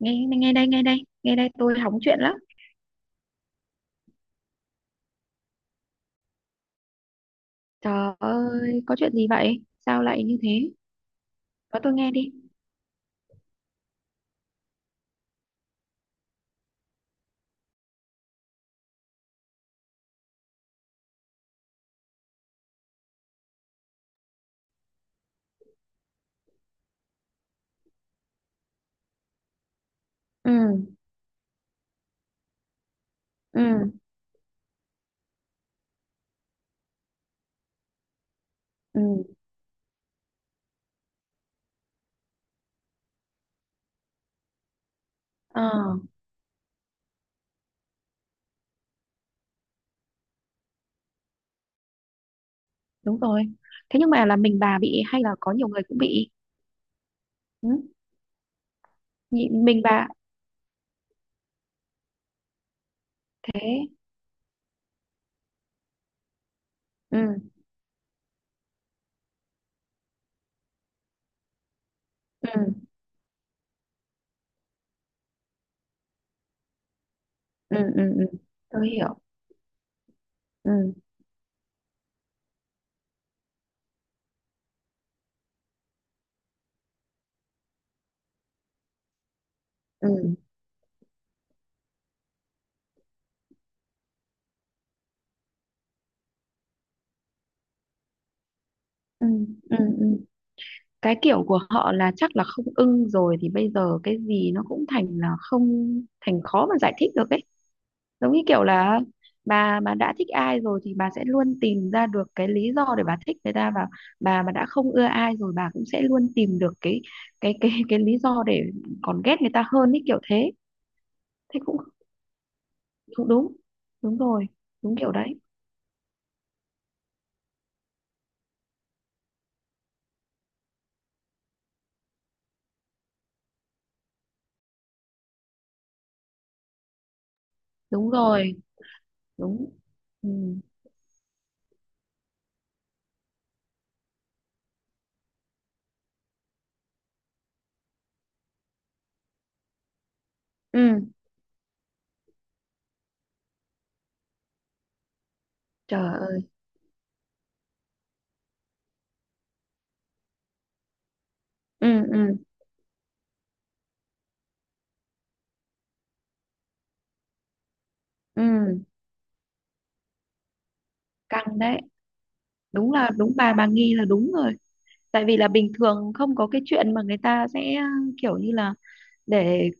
Nghe, nghe đây, nghe đây, nghe đây, tôi hóng chuyện lắm. Trời ơi, có chuyện gì vậy? Sao lại như thế? Có tôi nghe đi. Ừ ừ ừ ờ Đúng rồi. Thế nhưng mà là mình bà bị hay là có nhiều người cũng bị? Ừ? Mình bà? Thế? Ừ ừ ừ ừ ừ tôi hiểu. Ừ ừ ừ ừ ừ Cái kiểu của họ là chắc là không ưng rồi thì bây giờ cái gì nó cũng thành là không, thành khó mà giải thích được ấy. Giống như kiểu là bà đã thích ai rồi thì bà sẽ luôn tìm ra được cái lý do để bà thích người ta, và bà mà đã không ưa ai rồi bà cũng sẽ luôn tìm được cái lý do để còn ghét người ta hơn ý, kiểu thế. Thế cũng cũng đúng. Đúng rồi. Đúng kiểu đấy. Đúng rồi. Đúng. Ừ, ừ, trời ơi. ừ ừ ừ Căng đấy. Đúng là đúng, bà nghi là đúng rồi. Tại vì là bình thường không có cái chuyện mà người ta sẽ kiểu như là để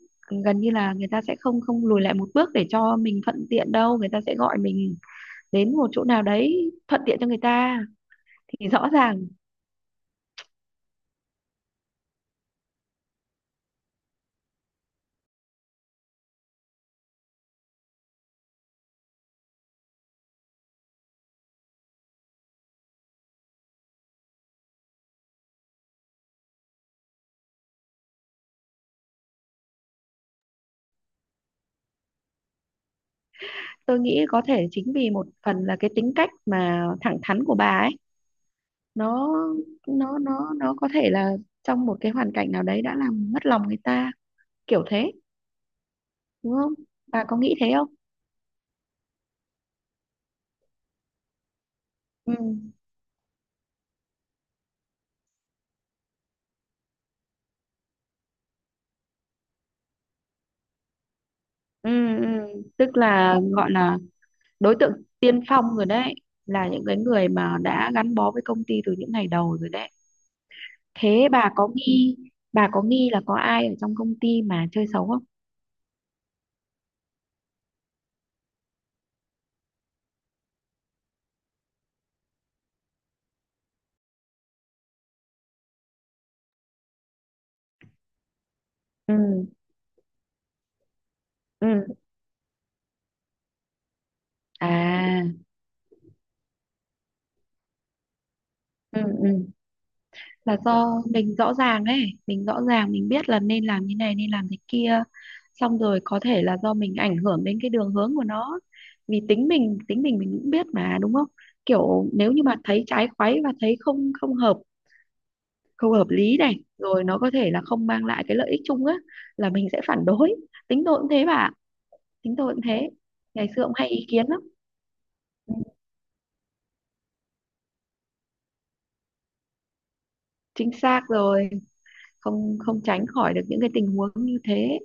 gần như là người ta sẽ không không lùi lại một bước để cho mình thuận tiện đâu, người ta sẽ gọi mình đến một chỗ nào đấy thuận tiện cho người ta thì rõ ràng. Tôi nghĩ có thể chính vì một phần là cái tính cách mà thẳng thắn của bà ấy, nó nó có thể là trong một cái hoàn cảnh nào đấy đã làm mất lòng người ta, kiểu thế. Đúng không? Bà có nghĩ thế không? ừ ừ ừ. Tức là gọi là đối tượng tiên phong rồi đấy, là những cái người mà đã gắn bó với công ty từ những ngày đầu rồi đấy. Thế bà có nghi, bà có nghi là có ai ở trong công ty mà chơi xấu không? ừ ừ À, ừ ừ là do mình rõ ràng ấy, mình rõ ràng mình biết là nên làm như này nên làm thế kia. Xong rồi có thể là do mình ảnh hưởng đến cái đường hướng của nó. Vì tính mình mình cũng biết mà, đúng không? Kiểu nếu như mà thấy trái khoáy và thấy không không hợp, không hợp lý này, rồi nó có thể là không mang lại cái lợi ích chung á, là mình sẽ phản đối. Tính tôi cũng thế bà ạ. Chính tôi cũng thế. Ngày xưa cũng hay ý kiến lắm. Ừ. Chính xác rồi. Không không tránh khỏi được những cái tình huống như thế.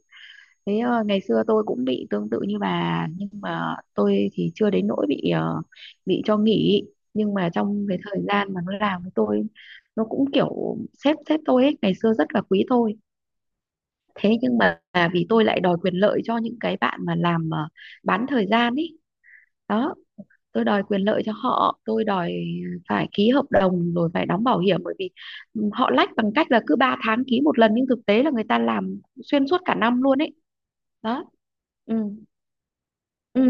Thế ngày xưa tôi cũng bị tương tự như bà, nhưng mà tôi thì chưa đến nỗi bị bị cho nghỉ. Nhưng mà trong cái thời gian mà nó làm với tôi, nó cũng kiểu sếp sếp tôi ấy ngày xưa rất là quý tôi. Thế nhưng mà à, vì tôi lại đòi quyền lợi cho những cái bạn mà làm bán thời gian ấy đó. Tôi đòi quyền lợi cho họ, tôi đòi phải ký hợp đồng rồi phải đóng bảo hiểm, bởi vì họ lách bằng cách là cứ 3 tháng ký một lần nhưng thực tế là người ta làm xuyên suốt cả năm luôn ấy. Đó. Ừ ừ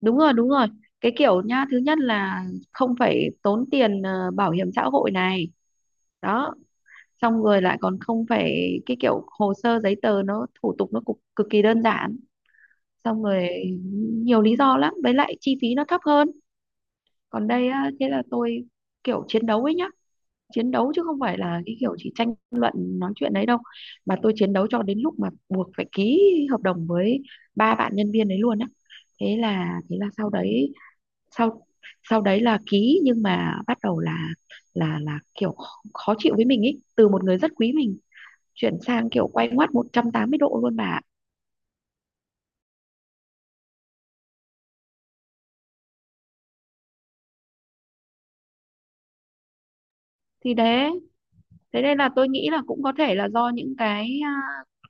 đúng rồi, đúng rồi. Cái kiểu nhá, thứ nhất là không phải tốn tiền bảo hiểm xã hội này. Đó. Xong rồi lại còn không phải cái kiểu hồ sơ giấy tờ nó thủ tục nó cực, cực kỳ đơn giản. Xong rồi nhiều lý do lắm, với lại chi phí nó thấp hơn. Còn đây á, thế là tôi kiểu chiến đấu ấy nhá, chiến đấu chứ không phải là cái kiểu chỉ tranh luận nói chuyện đấy đâu, mà tôi chiến đấu cho đến lúc mà buộc phải ký hợp đồng với ba bạn nhân viên đấy luôn á. Thế là sau đấy, sau sau đấy là ký nhưng mà bắt đầu là là kiểu khó khó chịu với mình ý, từ một người rất quý mình chuyển sang kiểu quay ngoắt 180 độ luôn bà ạ. Thì đấy, thế nên là tôi nghĩ là cũng có thể là do những cái à,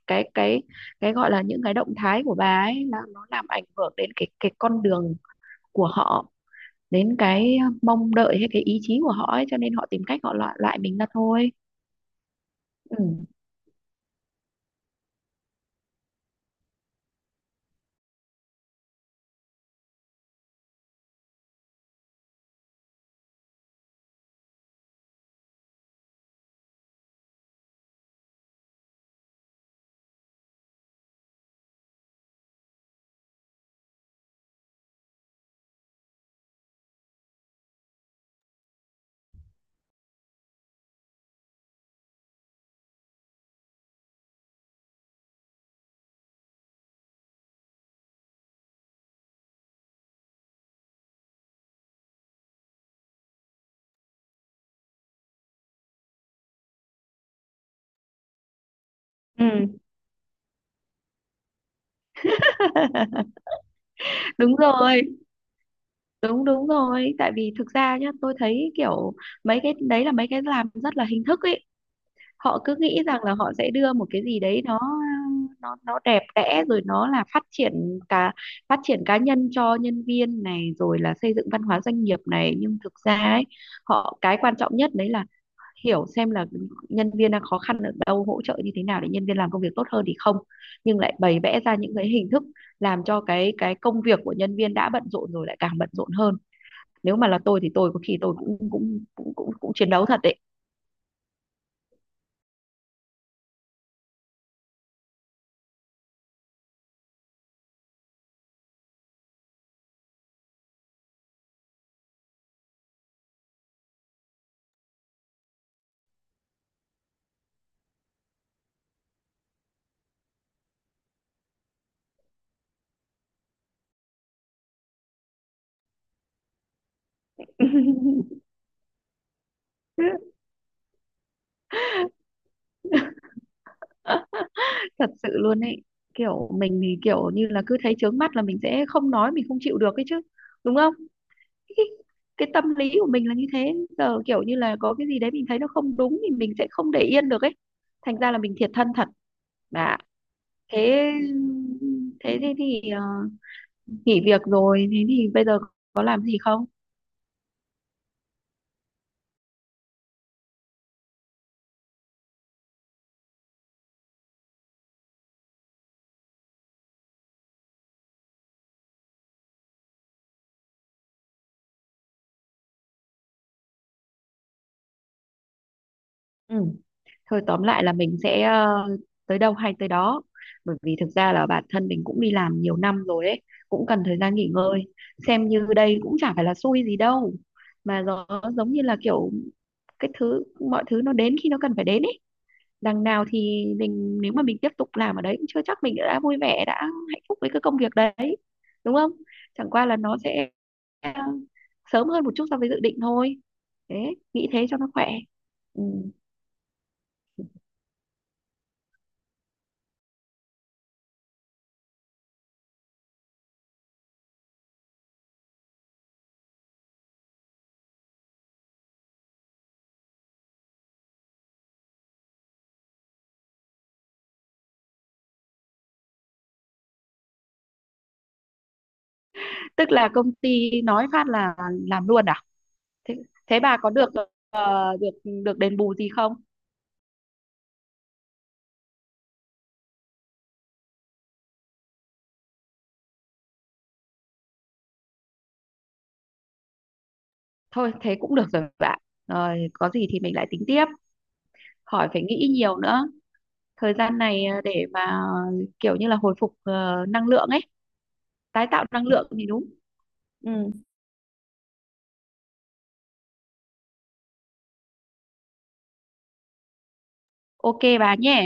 cái cái cái gọi là những cái động thái của bà ấy là nó làm ảnh hưởng đến cái con đường của họ, đến cái à, mong đợi hay cái ý chí của họ ấy, cho nên họ tìm cách họ loại loại mình ra thôi. Ừ. Ừ, đúng rồi, đúng, đúng rồi. Tại vì thực ra nhá, tôi thấy kiểu mấy cái đấy là mấy cái làm rất là hình thức ấy. Họ cứ nghĩ rằng là họ sẽ đưa một cái gì đấy nó đẹp đẽ, rồi nó là phát triển cả, phát triển cá nhân cho nhân viên này, rồi là xây dựng văn hóa doanh nghiệp này, nhưng thực ra ấy họ cái quan trọng nhất đấy là hiểu xem là nhân viên đang khó khăn ở đâu, hỗ trợ như thế nào để nhân viên làm công việc tốt hơn thì không, nhưng lại bày vẽ ra những cái hình thức làm cho cái công việc của nhân viên đã bận rộn rồi lại càng bận rộn hơn. Nếu mà là tôi thì tôi có khi tôi cũng cũng cũng cũng, cũng chiến đấu thật đấy. Thật sự luôn ấy. Kiểu mình thì kiểu như là cứ thấy chướng mắt là mình sẽ không nói, mình không chịu được ấy chứ, đúng không? cái, Tâm lý của mình là như thế, giờ kiểu như là có cái gì đấy mình thấy nó không đúng thì mình sẽ không để yên được ấy, thành ra là mình thiệt thân thật. Dạ. Thế thế thì ờ, nghỉ việc rồi, thế thì bây giờ có làm gì không? Ừ. Thôi tóm lại là mình sẽ tới đâu hay tới đó, bởi vì thực ra là bản thân mình cũng đi làm nhiều năm rồi đấy, cũng cần thời gian nghỉ ngơi. Xem như đây cũng chả phải là xui gì đâu, mà nó giống như là kiểu cái thứ, mọi thứ nó đến khi nó cần phải đến ấy. Đằng nào thì mình nếu mà mình tiếp tục làm ở đấy cũng chưa chắc mình đã vui vẻ, đã hạnh phúc với cái công việc đấy, đúng không? Chẳng qua là nó sẽ ờ, sớm hơn một chút so với dự định thôi. Thế nghĩ thế cho nó khỏe. Ừ. Tức là công ty nói phát là làm luôn à? thế, Thế bà có được ờ, được được đền bù gì không? Thôi thế cũng được rồi bạn. Rồi có gì thì mình lại tính tiếp, khỏi phải nghĩ nhiều nữa. Thời gian này để mà kiểu như là hồi phục năng lượng ấy, tái tạo năng lượng thì đúng. Ừ. Ok bà nhé.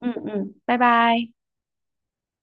Ừ, ừ, bye bye.